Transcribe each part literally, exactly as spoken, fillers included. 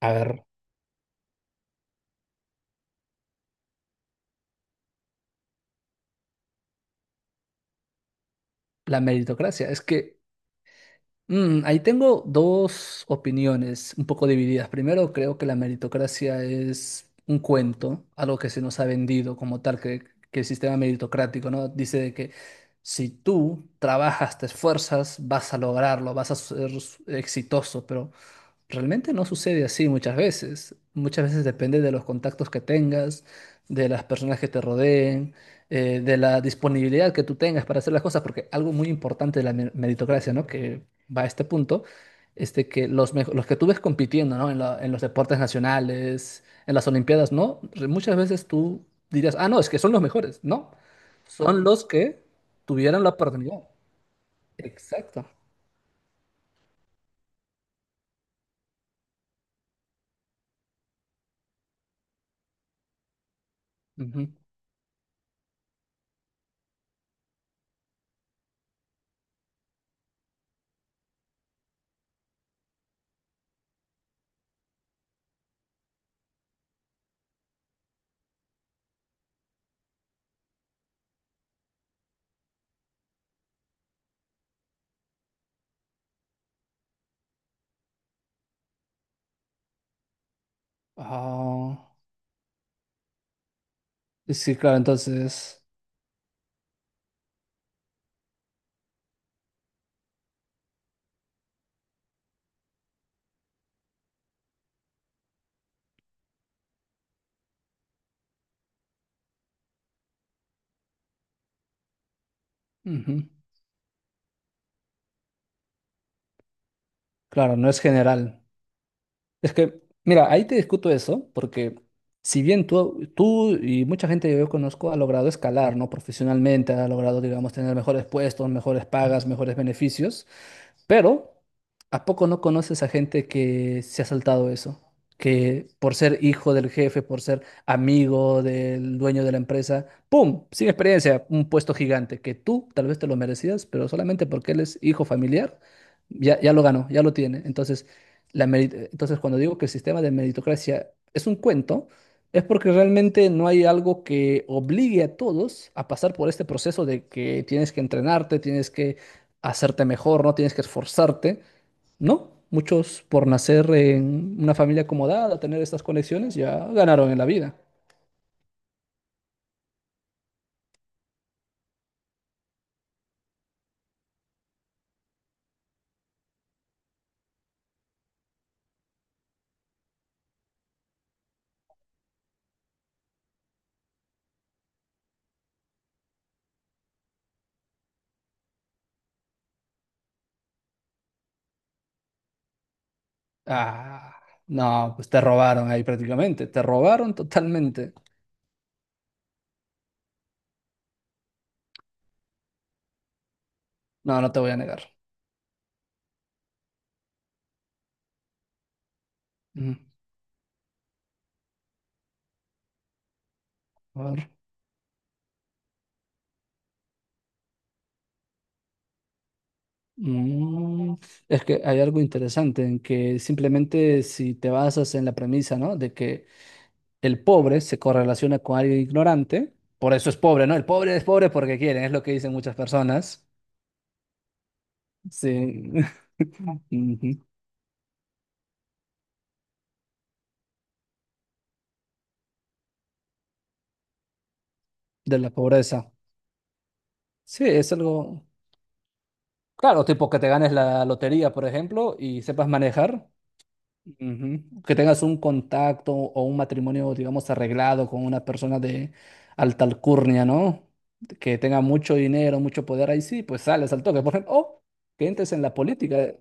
A ver, la meritocracia. Es que mm, ahí tengo dos opiniones un poco divididas. Primero, creo que la meritocracia es un cuento, algo que se nos ha vendido como tal, que, que el sistema meritocrático, ¿no? Dice de que si tú trabajas, te esfuerzas, vas a lograrlo, vas a ser exitoso, pero realmente no sucede así muchas veces. Muchas veces depende de los contactos que tengas, de las personas que te rodeen, eh, de la disponibilidad que tú tengas para hacer las cosas, porque algo muy importante de la mer- meritocracia, ¿no? Que va a este punto, es de que los, mejo- los que tú ves compitiendo, ¿no? En la- en los deportes nacionales, en las Olimpiadas, ¿no? Re- Muchas veces tú dirías, ah, no, es que son los mejores, ¿no? Son los que tuvieron la oportunidad. Exacto. Ujú. Ah, sí, claro, entonces. Ujú. Claro, no es general. Es que, mira, ahí te discuto eso, porque si bien tú, tú y mucha gente que yo conozco ha logrado escalar, ¿no? Profesionalmente, ha logrado, digamos, tener mejores puestos, mejores pagas, mejores beneficios, pero ¿a poco no conoces a gente que se ha saltado eso? Que por ser hijo del jefe, por ser amigo del dueño de la empresa, ¡pum! Sin experiencia, un puesto gigante que tú tal vez te lo merecías, pero solamente porque él es hijo familiar, ya, ya lo ganó, ya lo tiene. Entonces, la meri- entonces, cuando digo que el sistema de meritocracia es un cuento, es porque realmente no hay algo que obligue a todos a pasar por este proceso de que tienes que entrenarte, tienes que hacerte mejor, no tienes que esforzarte, ¿no? Muchos por nacer en una familia acomodada, tener estas conexiones, ya ganaron en la vida. Ah, no, pues te robaron ahí prácticamente, te robaron totalmente. No, no te voy a negar. Mm, a ver. Mm, es que hay algo interesante en que simplemente si te basas en la premisa, ¿no? De que el pobre se correlaciona con alguien ignorante, por eso es pobre, ¿no? El pobre es pobre porque quiere, es lo que dicen muchas personas. Sí. De la pobreza. Sí, es algo, claro, tipo que te ganes la lotería, por ejemplo, y sepas manejar, ujú. Que tengas un contacto o un matrimonio, digamos, arreglado con una persona de alta alcurnia, ¿no? Que tenga mucho dinero, mucho poder, ahí sí, pues sales al toque, por ejemplo, o que entres en la política,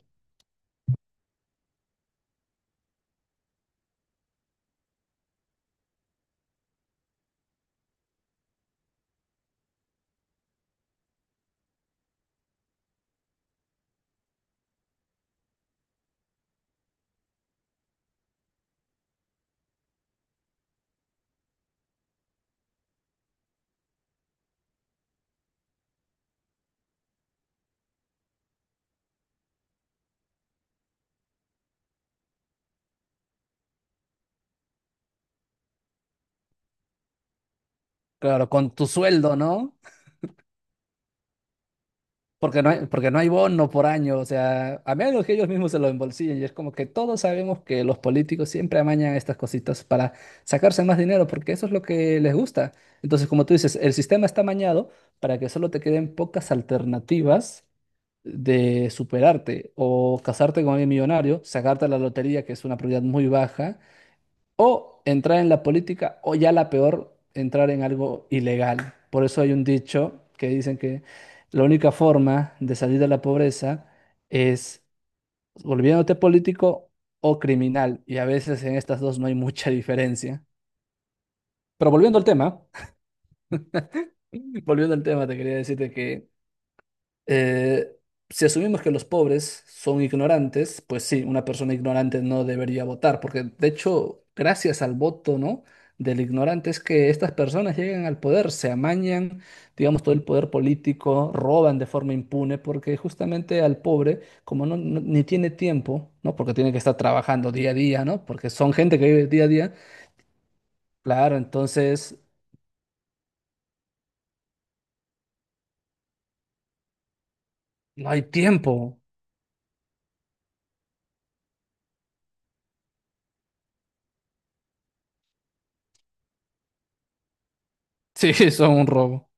claro, con tu sueldo, ¿no? Porque no hay, porque no hay bono por año, o sea, a menos que ellos mismos se lo embolsillen. Y es como que todos sabemos que los políticos siempre amañan estas cositas para sacarse más dinero, porque eso es lo que les gusta. Entonces, como tú dices, el sistema está amañado para que solo te queden pocas alternativas de superarte o casarte con alguien millonario, sacarte la lotería, que es una probabilidad muy baja, o entrar en la política, o ya la peor, entrar en algo ilegal. Por eso hay un dicho que dicen que la única forma de salir de la pobreza es volviéndote político o criminal. Y a veces en estas dos no hay mucha diferencia. Pero volviendo al tema, volviendo al tema, te quería decirte que Eh, si asumimos que los pobres son ignorantes, pues sí, una persona ignorante no debería votar, porque de hecho, gracias al voto, ¿no? Del ignorante es que estas personas llegan al poder, se amañan, digamos, todo el poder político, roban de forma impune, porque justamente al pobre, como no, no- ni tiene tiempo, ¿no? Porque tiene que estar trabajando día a día, ¿no? Porque son gente que vive día a día, claro, entonces no hay tiempo. Sí, son un robo.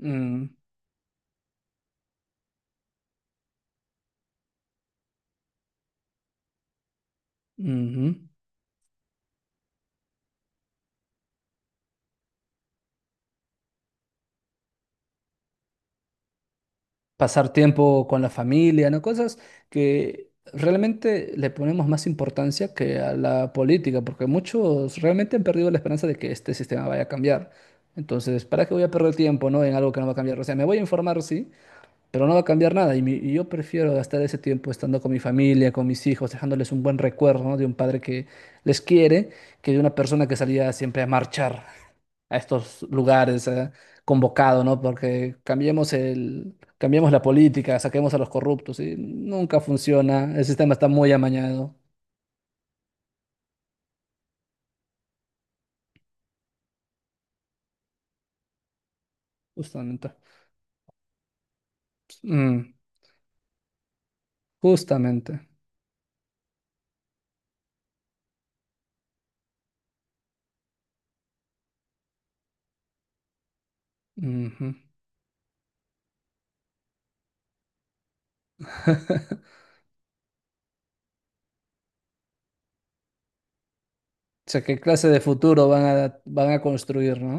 Mm, ujú. Pasar tiempo con la familia, ¿no? Cosas que realmente le ponemos más importancia que a la política, porque muchos realmente han perdido la esperanza de que este sistema vaya a cambiar. Entonces, ¿para qué voy a perder tiempo, ¿no? en algo que no va a cambiar? O sea, me voy a informar, sí, pero no va a cambiar nada. Y, mi- y yo prefiero gastar ese tiempo estando con mi familia, con mis hijos, dejándoles un buen recuerdo, ¿no? de un padre que les quiere, que de una persona que salía siempre a marchar a estos lugares eh, convocado, ¿no? Porque cambiemos el, cambiemos la política, saquemos a los corruptos y nunca funciona. El sistema está muy amañado, justamente. Mm, justamente. Ujú. O sea, ¿qué clase de futuro van a, van a construir, ¿no?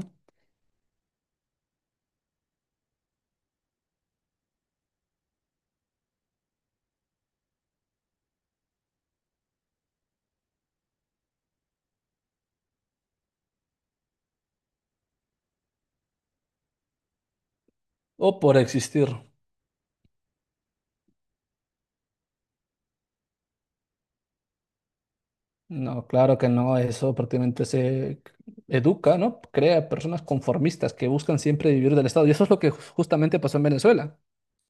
O por existir. No, claro que no, eso prácticamente se educa, ¿no? Crea personas conformistas que buscan siempre vivir del Estado. Y eso es lo que justamente pasó en Venezuela.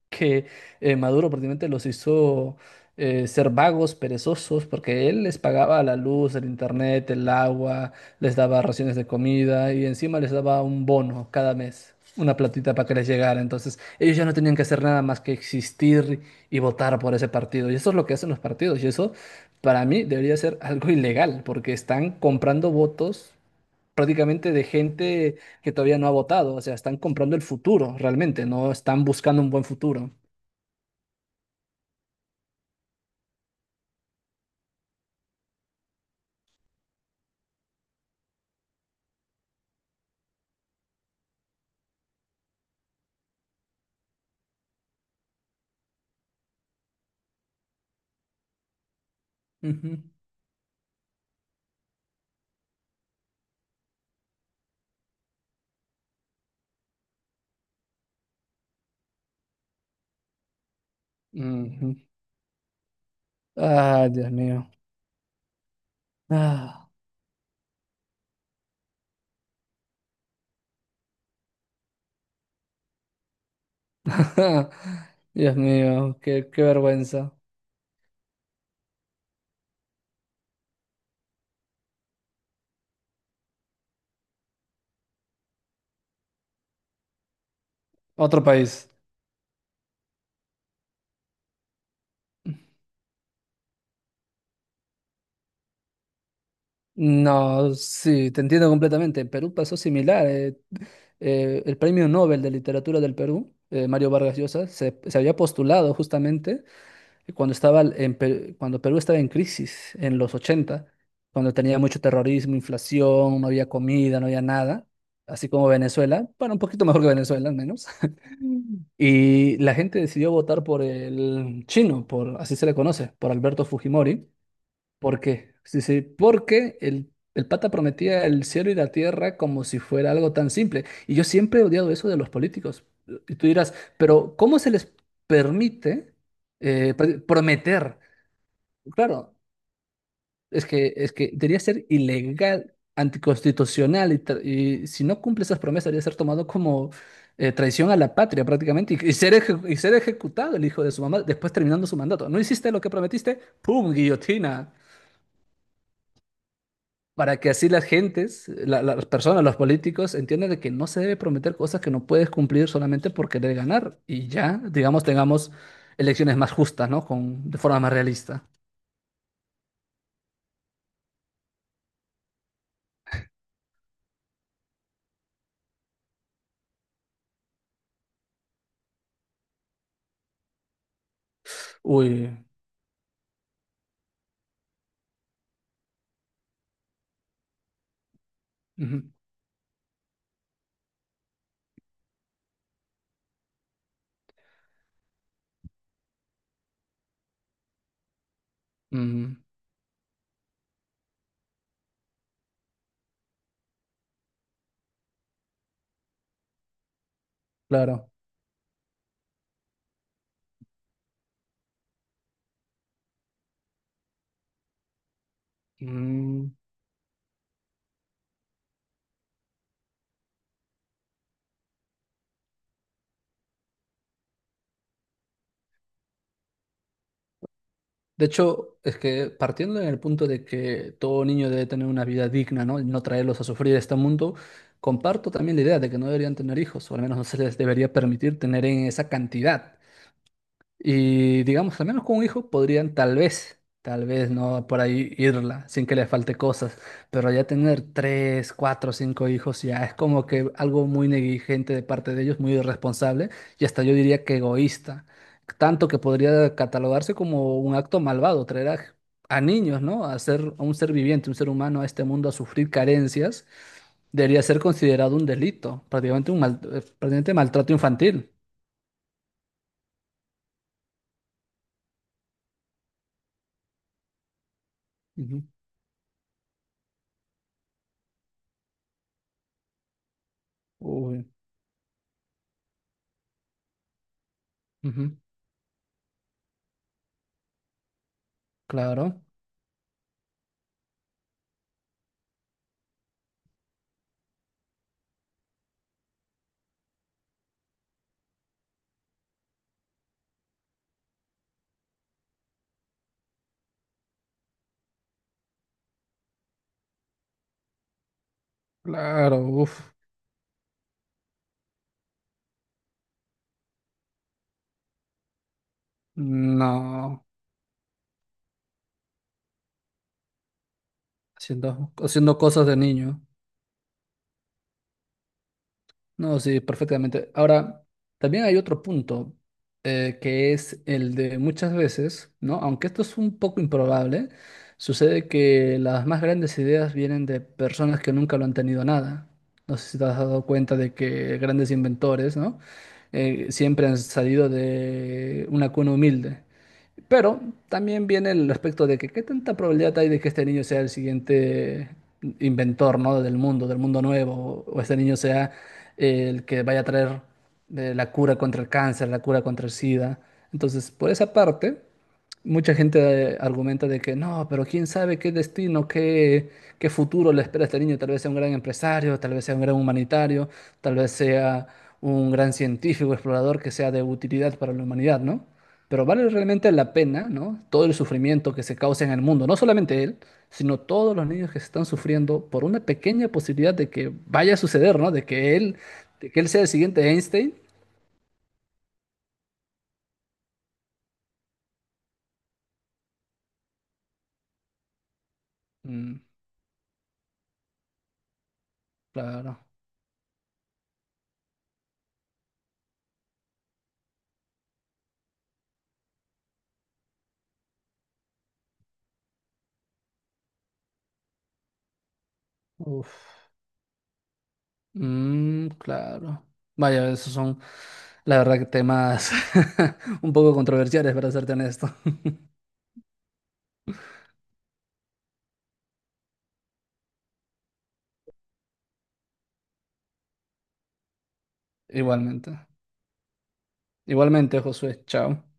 Que eh, Maduro prácticamente los hizo eh, ser vagos, perezosos, porque él les pagaba la luz, el internet, el agua, les daba raciones de comida y encima les daba un bono cada mes, una platita para que les llegara. Entonces ellos ya no tenían que hacer nada más que existir y votar por ese partido. Y eso es lo que hacen los partidos y eso para mí debería ser algo ilegal, porque están comprando votos. Prácticamente de gente que todavía no ha votado, o sea, están comprando el futuro realmente, no están buscando un buen futuro. Ujú, ujú. Ah Dios mío. Ah, Dios mío, qué, qué vergüenza. Otro país. No, sí, te entiendo completamente. En Perú pasó similar. Eh, eh, el Premio Nobel de Literatura del Perú, eh, Mario Vargas Llosa, se, se había postulado justamente cuando estaba en Pe- cuando Perú estaba en crisis en los ochenta cuando tenía mucho terrorismo, inflación, no había comida, no había nada, así como Venezuela, bueno, un poquito mejor que Venezuela al menos. Mm. Y la gente decidió votar por el chino, por, así se le conoce, por Alberto Fujimori. ¿Por qué? Sí, sí, porque el, el pata prometía el cielo y la tierra como si fuera algo tan simple. Y yo siempre he odiado eso de los políticos. Y tú dirás, pero ¿cómo se les permite eh, pre- prometer? Claro, es que, es que debería ser ilegal, anticonstitucional, y, tra- y si no cumple esas promesas, debería ser tomado como eh, traición a la patria prácticamente y, y ser eje- y ser ejecutado el hijo de su mamá después terminando su mandato. ¿No hiciste lo que prometiste? ¡Pum! Guillotina. Para que así las gentes, la- las personas, los políticos entiendan de que no se debe prometer cosas que no puedes cumplir solamente por querer ganar y ya, digamos, tengamos elecciones más justas, ¿no? Con, de forma más realista. Uy. Ujú, mm, claro. Mm. De hecho, es que partiendo en el punto de que todo niño debe tener una vida digna, ¿no? Y no traerlos a sufrir este mundo, comparto también la idea de que no deberían tener hijos, o al menos no se les debería permitir tener en esa cantidad. Y digamos, al menos con un hijo podrían tal vez, tal vez no por ahí irla sin que le falte cosas, pero ya tener tres, cuatro, cinco hijos ya es como que algo muy negligente de parte de ellos, muy irresponsable y hasta yo diría que egoísta, tanto que podría catalogarse como un acto malvado, traer a, a niños, ¿no? A ser, a un ser viviente, un ser humano a este mundo a sufrir carencias, debería ser considerado un delito, prácticamente un mal- eh, prácticamente maltrato infantil. Ujú. Uy. Ujú. Claro, claro, uff, no, haciendo, haciendo cosas de niño. No, sí, perfectamente. Ahora, también hay otro punto, eh, que es el de muchas veces, ¿no? Aunque esto es un poco improbable, sucede que las más grandes ideas vienen de personas que nunca lo han tenido nada. No sé si te has dado cuenta de que grandes inventores, ¿no? Eh, siempre han salido de una cuna humilde. Pero también viene el aspecto de que qué tanta probabilidad hay de que este niño sea el siguiente inventor, ¿no? Del mundo, del mundo nuevo, o este niño sea eh, el que vaya a traer eh, la cura contra el cáncer, la cura contra el SIDA. Entonces, por esa parte, mucha gente eh, argumenta de que no, pero quién sabe qué destino, qué, qué futuro le espera a este niño. Tal vez sea un gran empresario, tal vez sea un gran humanitario, tal vez sea un gran científico, explorador que sea de utilidad para la humanidad, ¿no? Pero vale realmente la pena, ¿no? Todo el sufrimiento que se causa en el mundo, no solamente él, sino todos los niños que se están sufriendo por una pequeña posibilidad de que vaya a suceder, ¿no? De que él, de que él sea el siguiente Einstein. Mm, claro. Uf. Mm, claro. Vaya, esos son, la verdad, que temas un poco controversiales, para serte honesto. Igualmente. Igualmente, Josué. Chao.